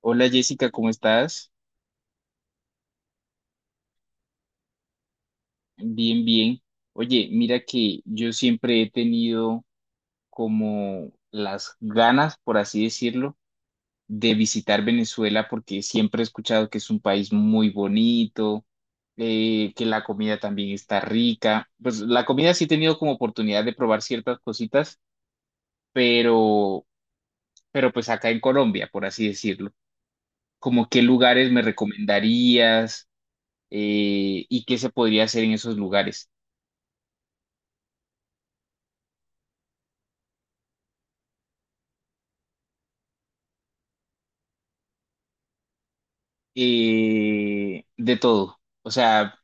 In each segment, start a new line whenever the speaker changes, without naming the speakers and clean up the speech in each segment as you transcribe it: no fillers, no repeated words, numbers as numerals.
Hola Jessica, ¿cómo estás? Bien, bien. Oye, mira que yo siempre he tenido como las ganas, por así decirlo, de visitar Venezuela porque siempre he escuchado que es un país muy bonito, que la comida también está rica. Pues la comida sí he tenido como oportunidad de probar ciertas cositas, pero, pero pues acá en Colombia, por así decirlo. ¿Como qué lugares me recomendarías y qué se podría hacer en esos lugares? De todo. O sea,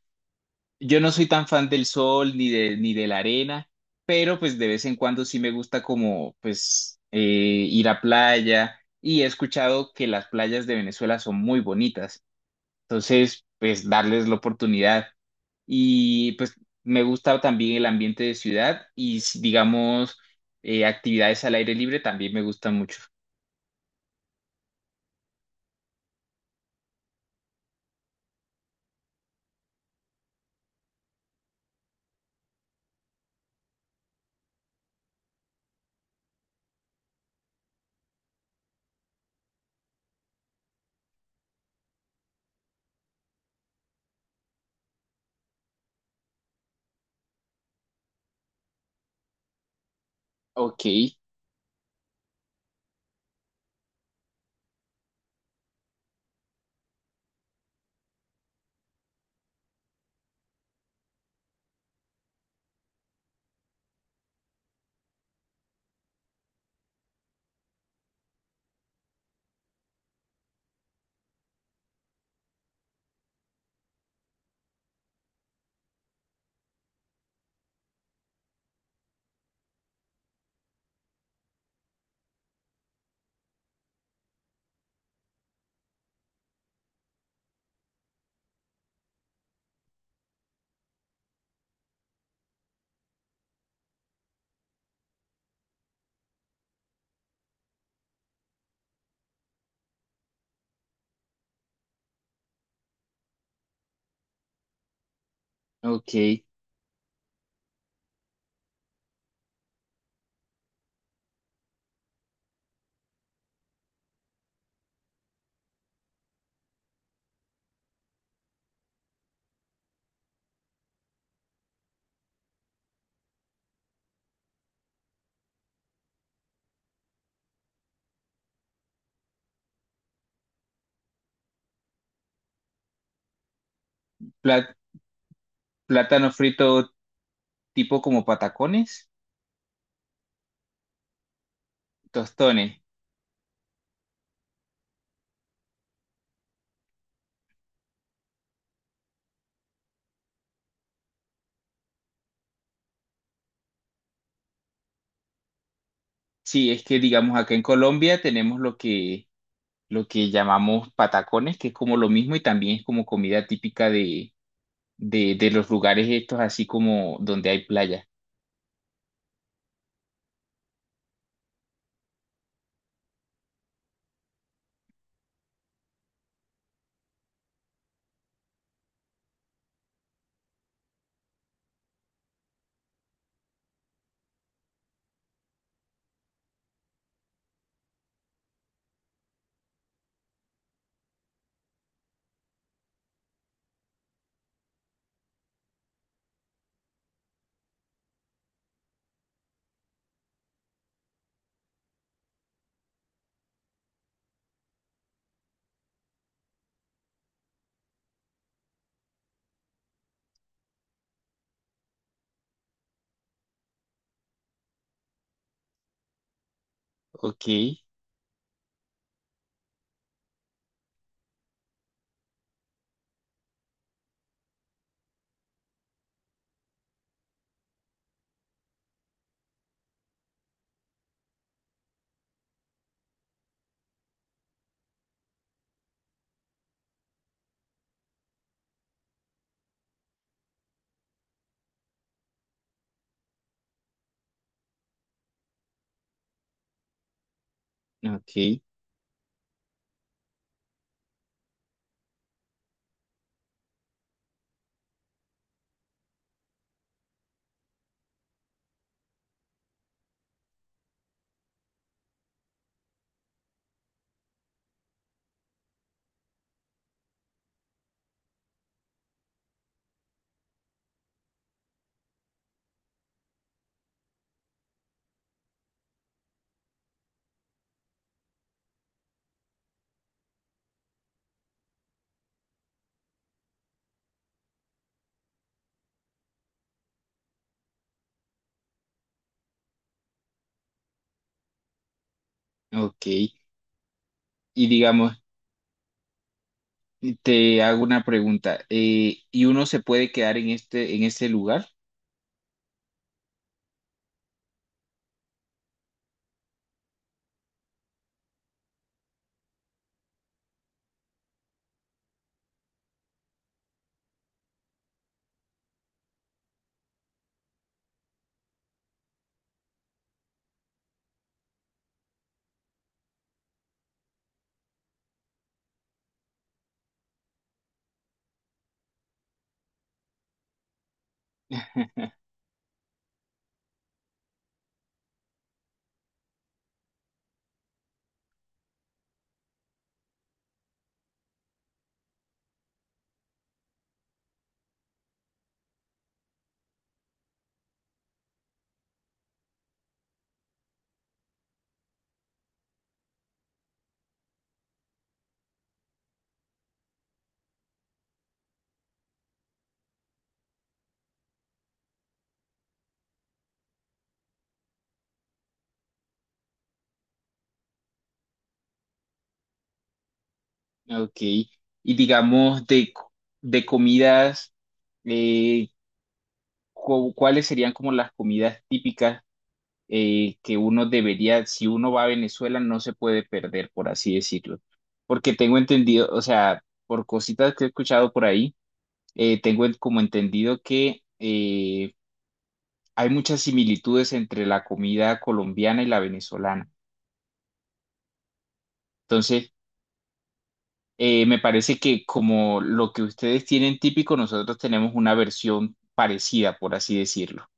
yo no soy tan fan del sol ni de la arena, pero pues de vez en cuando sí me gusta como pues ir a playa y he escuchado que las playas de Venezuela son muy bonitas. Entonces, pues darles la oportunidad. Y pues me gusta también el ambiente de ciudad y digamos actividades al aire libre también me gustan mucho. Ok, ok. Pla- plátano frito tipo como patacones. Tostones. Sí, es que digamos acá en Colombia tenemos lo que llamamos patacones, que es como lo mismo y también es como comida típica de, de los lugares estos, así como donde hay playa. Ok, ok, ok. Y digamos, te hago una pregunta. ¿Y uno se puede quedar en este lugar? Ok. Y digamos, de comidas, eh, ¿cuáles serían como las comidas típicas? Que uno debería, si uno va a Venezuela, no se puede perder, por así decirlo. Porque tengo entendido, o sea, por cositas que he escuchado por ahí, como entendido que hay muchas similitudes entre la comida colombiana y la venezolana. Entonces, me parece que como lo que ustedes tienen típico, nosotros tenemos una versión parecida, por así decirlo.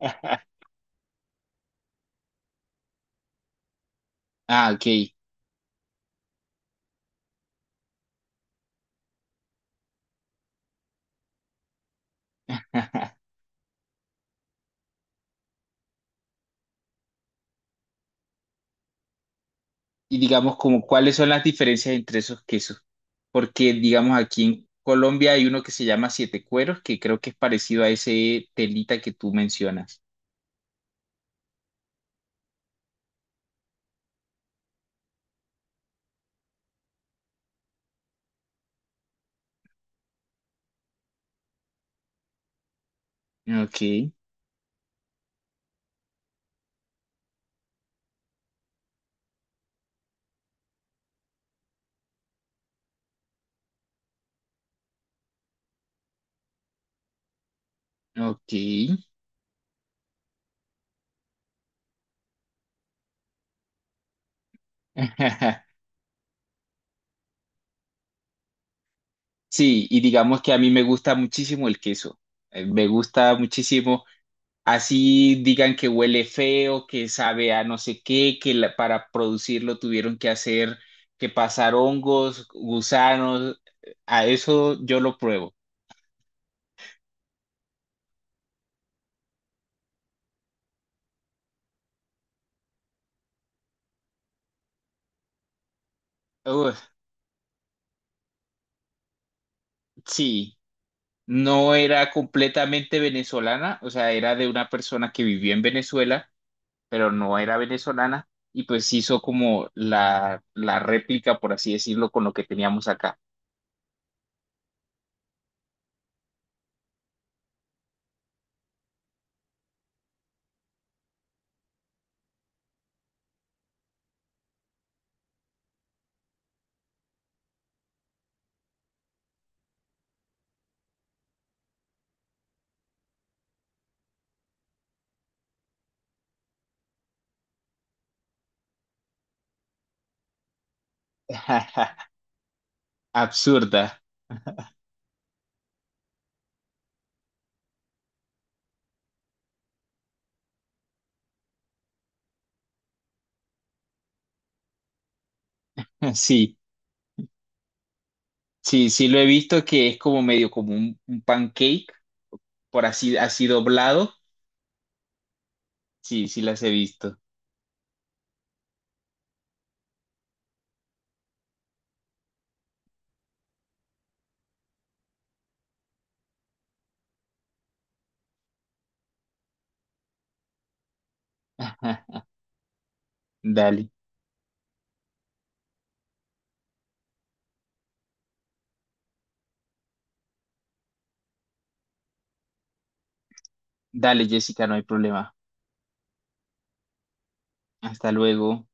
Ah, ok. Y digamos, como cuáles son las diferencias entre esos quesos. Porque, digamos, aquí en Colombia hay uno que se llama Siete Cueros, que creo que es parecido a ese telita que tú mencionas. Ok, ok. Sí, y digamos que a mí me gusta muchísimo el queso. Me gusta muchísimo. Así digan que huele feo, que sabe a no sé qué, para producirlo tuvieron que hacer, que pasar hongos, gusanos. A eso yo lo pruebo. Sí, no era completamente venezolana, o sea, era de una persona que vivió en Venezuela, pero no era venezolana, y pues hizo como la réplica, por así decirlo, con lo que teníamos acá. Absurda, sí, sí, sí lo he visto que es como medio como un pancake, por así, así doblado, sí, sí las he visto. Dale, dale, Jessica, no hay problema. Hasta luego.